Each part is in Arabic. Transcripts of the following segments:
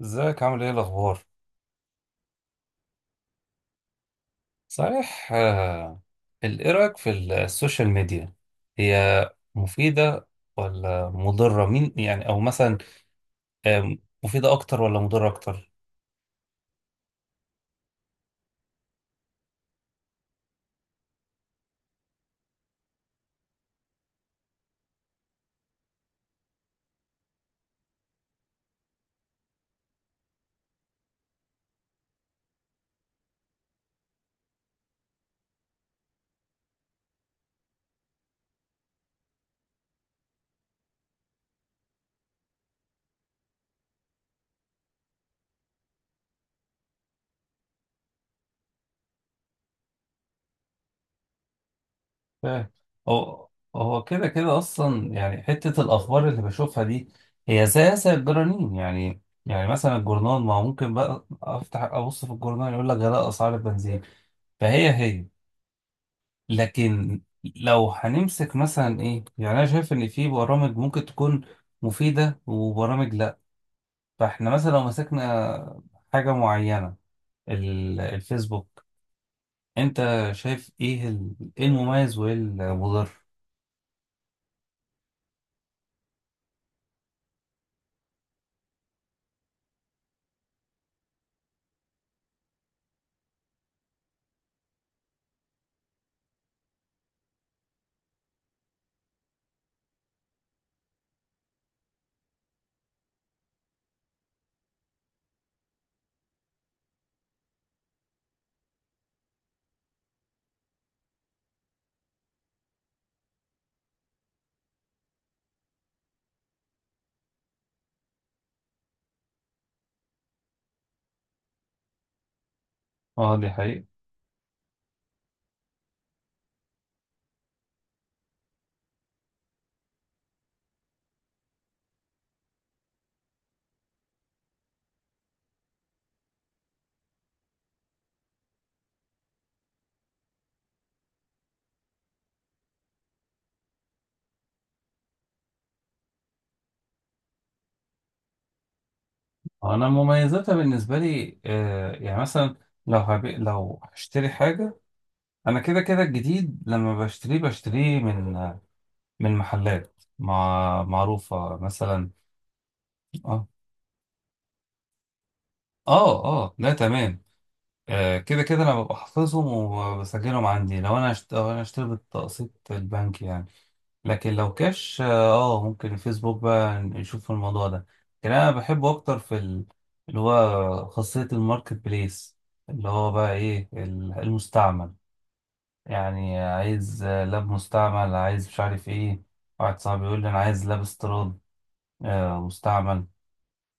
ازيك، عامل ايه، الاخبار؟ صحيح. ايه رايك في السوشيال ميديا؟ هي مفيده ولا مضره؟ مين يعني، او مثلا، آم، مفيده اكتر ولا مضره اكتر؟ فاهم. هو هو كده كده اصلا، يعني حته الاخبار اللي بشوفها دي هي زيها زي الجرانين. يعني مثلا الجورنال، ما هو ممكن بقى افتح ابص في الجورنال يقول لك غلاء اسعار البنزين. فهي لكن، لو هنمسك مثلا ايه، يعني انا شايف ان في برامج ممكن تكون مفيدة وبرامج لا. فاحنا مثلا لو مسكنا حاجة معينة، الفيسبوك، انت شايف ايه ايه المميز وايه المضر؟ اه دي حقيقة. انا مميزاتها بالنسبة لي يعني مثلا، لو هشتري حاجة، انا كده كده الجديد لما بشتريه بشتريه من محلات معروفة مثلا. اه، اه، اه لا تمام. كده كده انا ببقى حافظهم وبسجلهم عندي لو لو انا اشتري بالتقسيط البنكي، يعني. لكن لو كاش، اه. ممكن الفيسبوك بقى نشوف الموضوع ده. لكن انا بحبه اكتر في اللي هو خاصية الماركت بليس، اللي هو بقى ايه المستعمل. يعني عايز لاب مستعمل، عايز مش عارف ايه. واحد صاحبي يقول لي انا عايز لاب استيراد، مستعمل،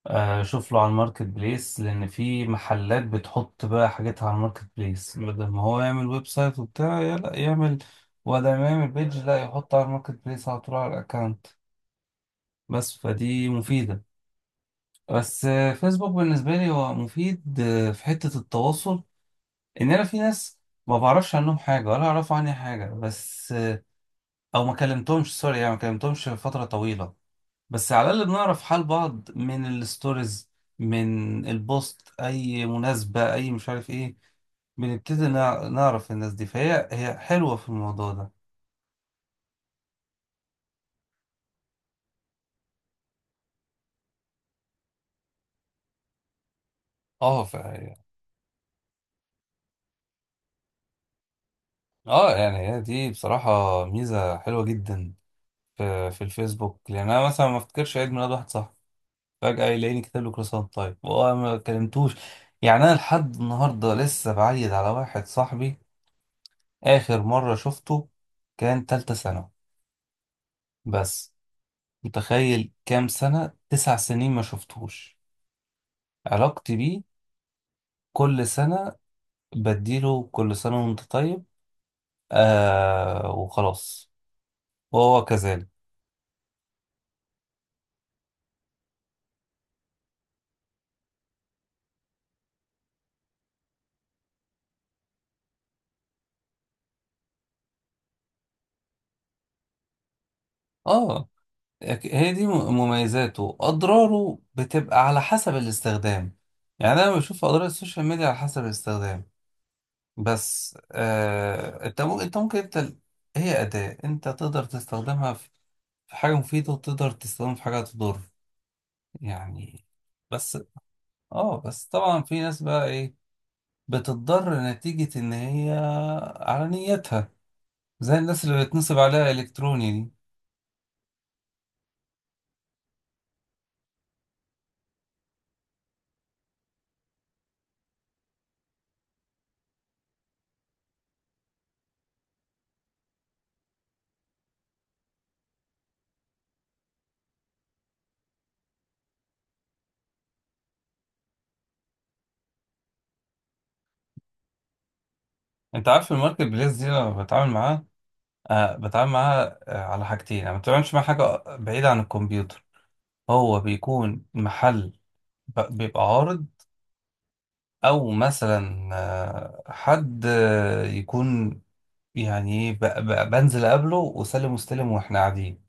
شوف له على الماركت بليس، لان في محلات بتحط بقى حاجتها على الماركت بليس بدل ما هو يعمل ويب سايت وبتاع، يا لا يعمل ولا ما يعمل بيج، لا يحط على الماركت بليس على طول على الاكونت. بس فدي مفيدة. بس فيسبوك بالنسبة لي هو مفيد في حتة التواصل. ان انا في ناس ما بعرفش عنهم حاجة ولا اعرف عني حاجة، بس او ما كلمتهمش، سوري يعني، ما كلمتهمش فترة طويلة. بس على الأقل بنعرف حال بعض من الستوريز، من البوست، أي مناسبة، أي مش عارف إيه. بنبتدي نعرف الناس دي، فهي حلوة في الموضوع ده. اه اه يعني هي دي بصراحة ميزة حلوة جدا في، في الفيسبوك، لأن أنا مثلا ما افتكرش عيد ميلاد واحد صاحبي، فجأة يلاقيني كاتب له كروسانت، طيب هو ما كلمتوش يعني. أنا لحد النهاردة لسه بعيد على واحد صاحبي، آخر مرة شفته كان تالتة ثانوي بس. متخيل كام سنة؟ 9 سنين ما شفتوش، علاقتي بيه كل سنة بديله كل سنة وانت طيب. آه وخلاص، وهو كذلك. اه هي دي مميزاته، أضراره بتبقى على حسب الاستخدام. يعني أنا بشوف أضرار السوشيال ميديا على حسب الاستخدام. بس آه، أنت ممكن أنت هي أداة، أنت تقدر تستخدمها في حاجة مفيدة وتقدر تستخدمها في حاجة تضر، يعني. بس اه، بس طبعا في ناس بقى ايه بتتضر نتيجة ان هي على نيتها، زي الناس اللي بتنصب عليها الكتروني دي. انت عارف الماركت بليس دي لما بتعامل معاه، آه بتعامل معاه آه على حاجتين، انا ما بتعاملش مع حاجة بعيدة عن الكمبيوتر. هو بيكون محل، بيبقى عارض، او مثلا آه حد يكون، يعني إيه، بنزل قبله وسلم واستلم واحنا قاعدين.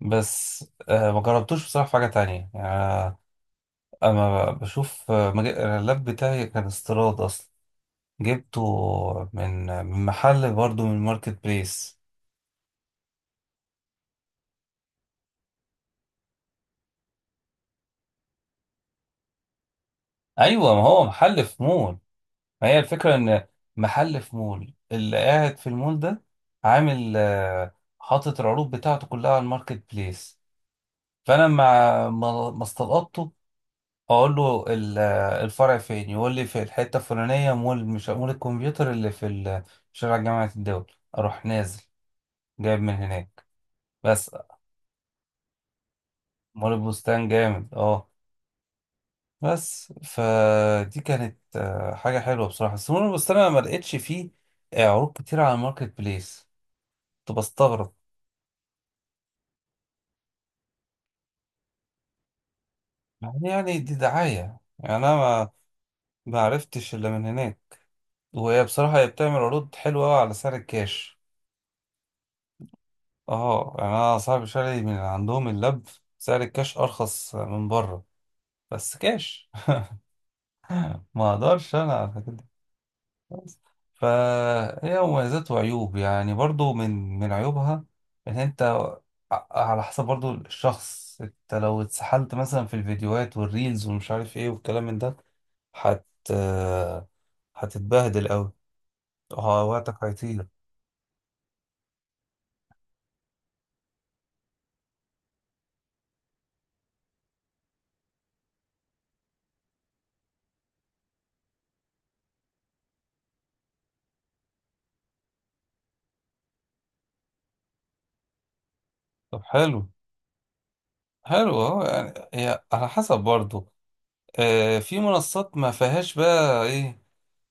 بس آه ما جربتوش بصراحة في حاجة تانية، يعني. انا بشوف اللاب بتاعي كان استيراد اصلا، جبته من محل برضه من ماركت بليس. ايوه، ما هو محل في مول. ما هي الفكره ان محل في مول، اللي قاعد في المول ده عامل حاطط العروض بتاعته كلها على الماركت بليس. فانا مع ما استلقطته اقول له الفرع فين، يقول لي في الحته الفلانيه، مول، مش مول الكمبيوتر اللي في شارع جامعه الدول. اروح نازل جايب من هناك. بس مول البستان جامد اه. بس فدي كانت حاجة حلوة بصراحة. بس مول البستان أنا ما لقيتش فيه عروض كتير على الماركت بليس. كنت بستغرب، يعني دي دعاية. يعني أنا ما عرفتش إلا من هناك. وهي بصراحة هي بتعمل عروض حلوة أوي على سعر الكاش. اه، يعني أنا صاحب شاري من عندهم اللب، سعر الكاش أرخص من بره، بس كاش. ما أقدرش أنا. بس. فهي مميزات وعيوب يعني، برضو من عيوبها ان انت، على حسب برضو الشخص، انت لو اتسحلت مثلا في الفيديوهات والريلز ومش عارف ايه والكلام من ده، هت هتتبهدل قوي، وقتك هيطير. طب حلو، حلو اهو، يعني هي على حسب برضو. آه، في منصات ما فيهاش بقى ايه،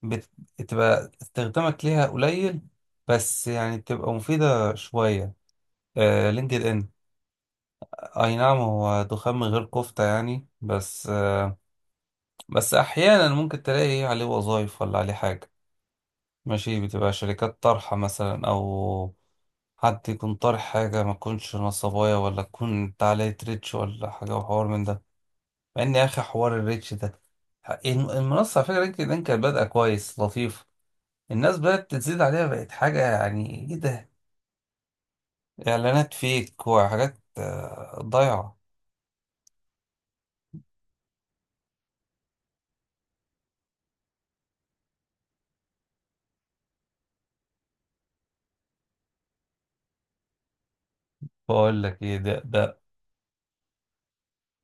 بت- بتبقى استخدامك ليها قليل، بس يعني بتبقى مفيدة شوية. آه لينكد ان، اي نعم، هو دخان من غير كفتة، يعني بس. بس احيانا ممكن تلاقي إيه عليه وظايف، ولا عليه حاجة ماشي، بتبقى شركات طرحة مثلا، او حد يكون طارح حاجة، ما تكونش نصبايا، ولا تكون تعالى ريتش ولا حاجة وحوار من ده. مع ان يا اخي حوار الريتش ده، المنصة على فكرة لينكد ان كانت بادئة كويس لطيف، الناس بدأت تزيد عليها، بقت حاجة يعني ايه ده، اعلانات فيك وحاجات ضايعة. بقول لك ايه، ده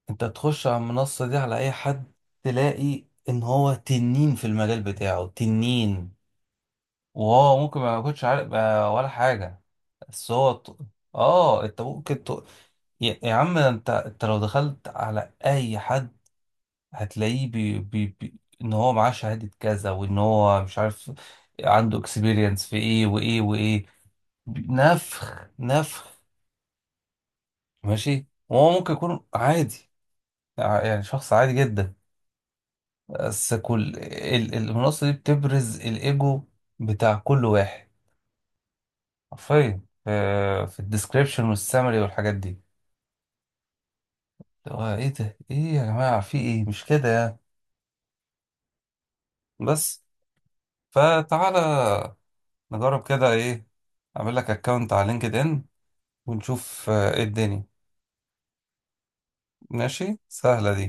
انت تخش على المنصة دي على اي حد، تلاقي ان هو تنين في المجال بتاعه، تنين. وهو ممكن ما يكونش عارف ولا حاجة. بس اه انت ممكن يا عم انت، انت لو دخلت على اي حد هتلاقيه ان هو معاه شهادة كذا وان هو مش عارف، عنده اكسبيرينس في ايه وايه وايه، نفخ نفخ، ماشي. وهو ممكن يكون عادي، يعني شخص عادي جدا. بس كل المنصة دي بتبرز الإيجو بتاع كل واحد، حرفيا، في الديسكريبشن والسامري والحاجات دي، اللي هو ايه ده، ايه يا جماعة، في ايه، مش كده يعني. بس فتعالى نجرب كده ايه، اعمل لك اكونت على لينكد ان، ونشوف ايه الدنيا. ماشي، سهلة دي.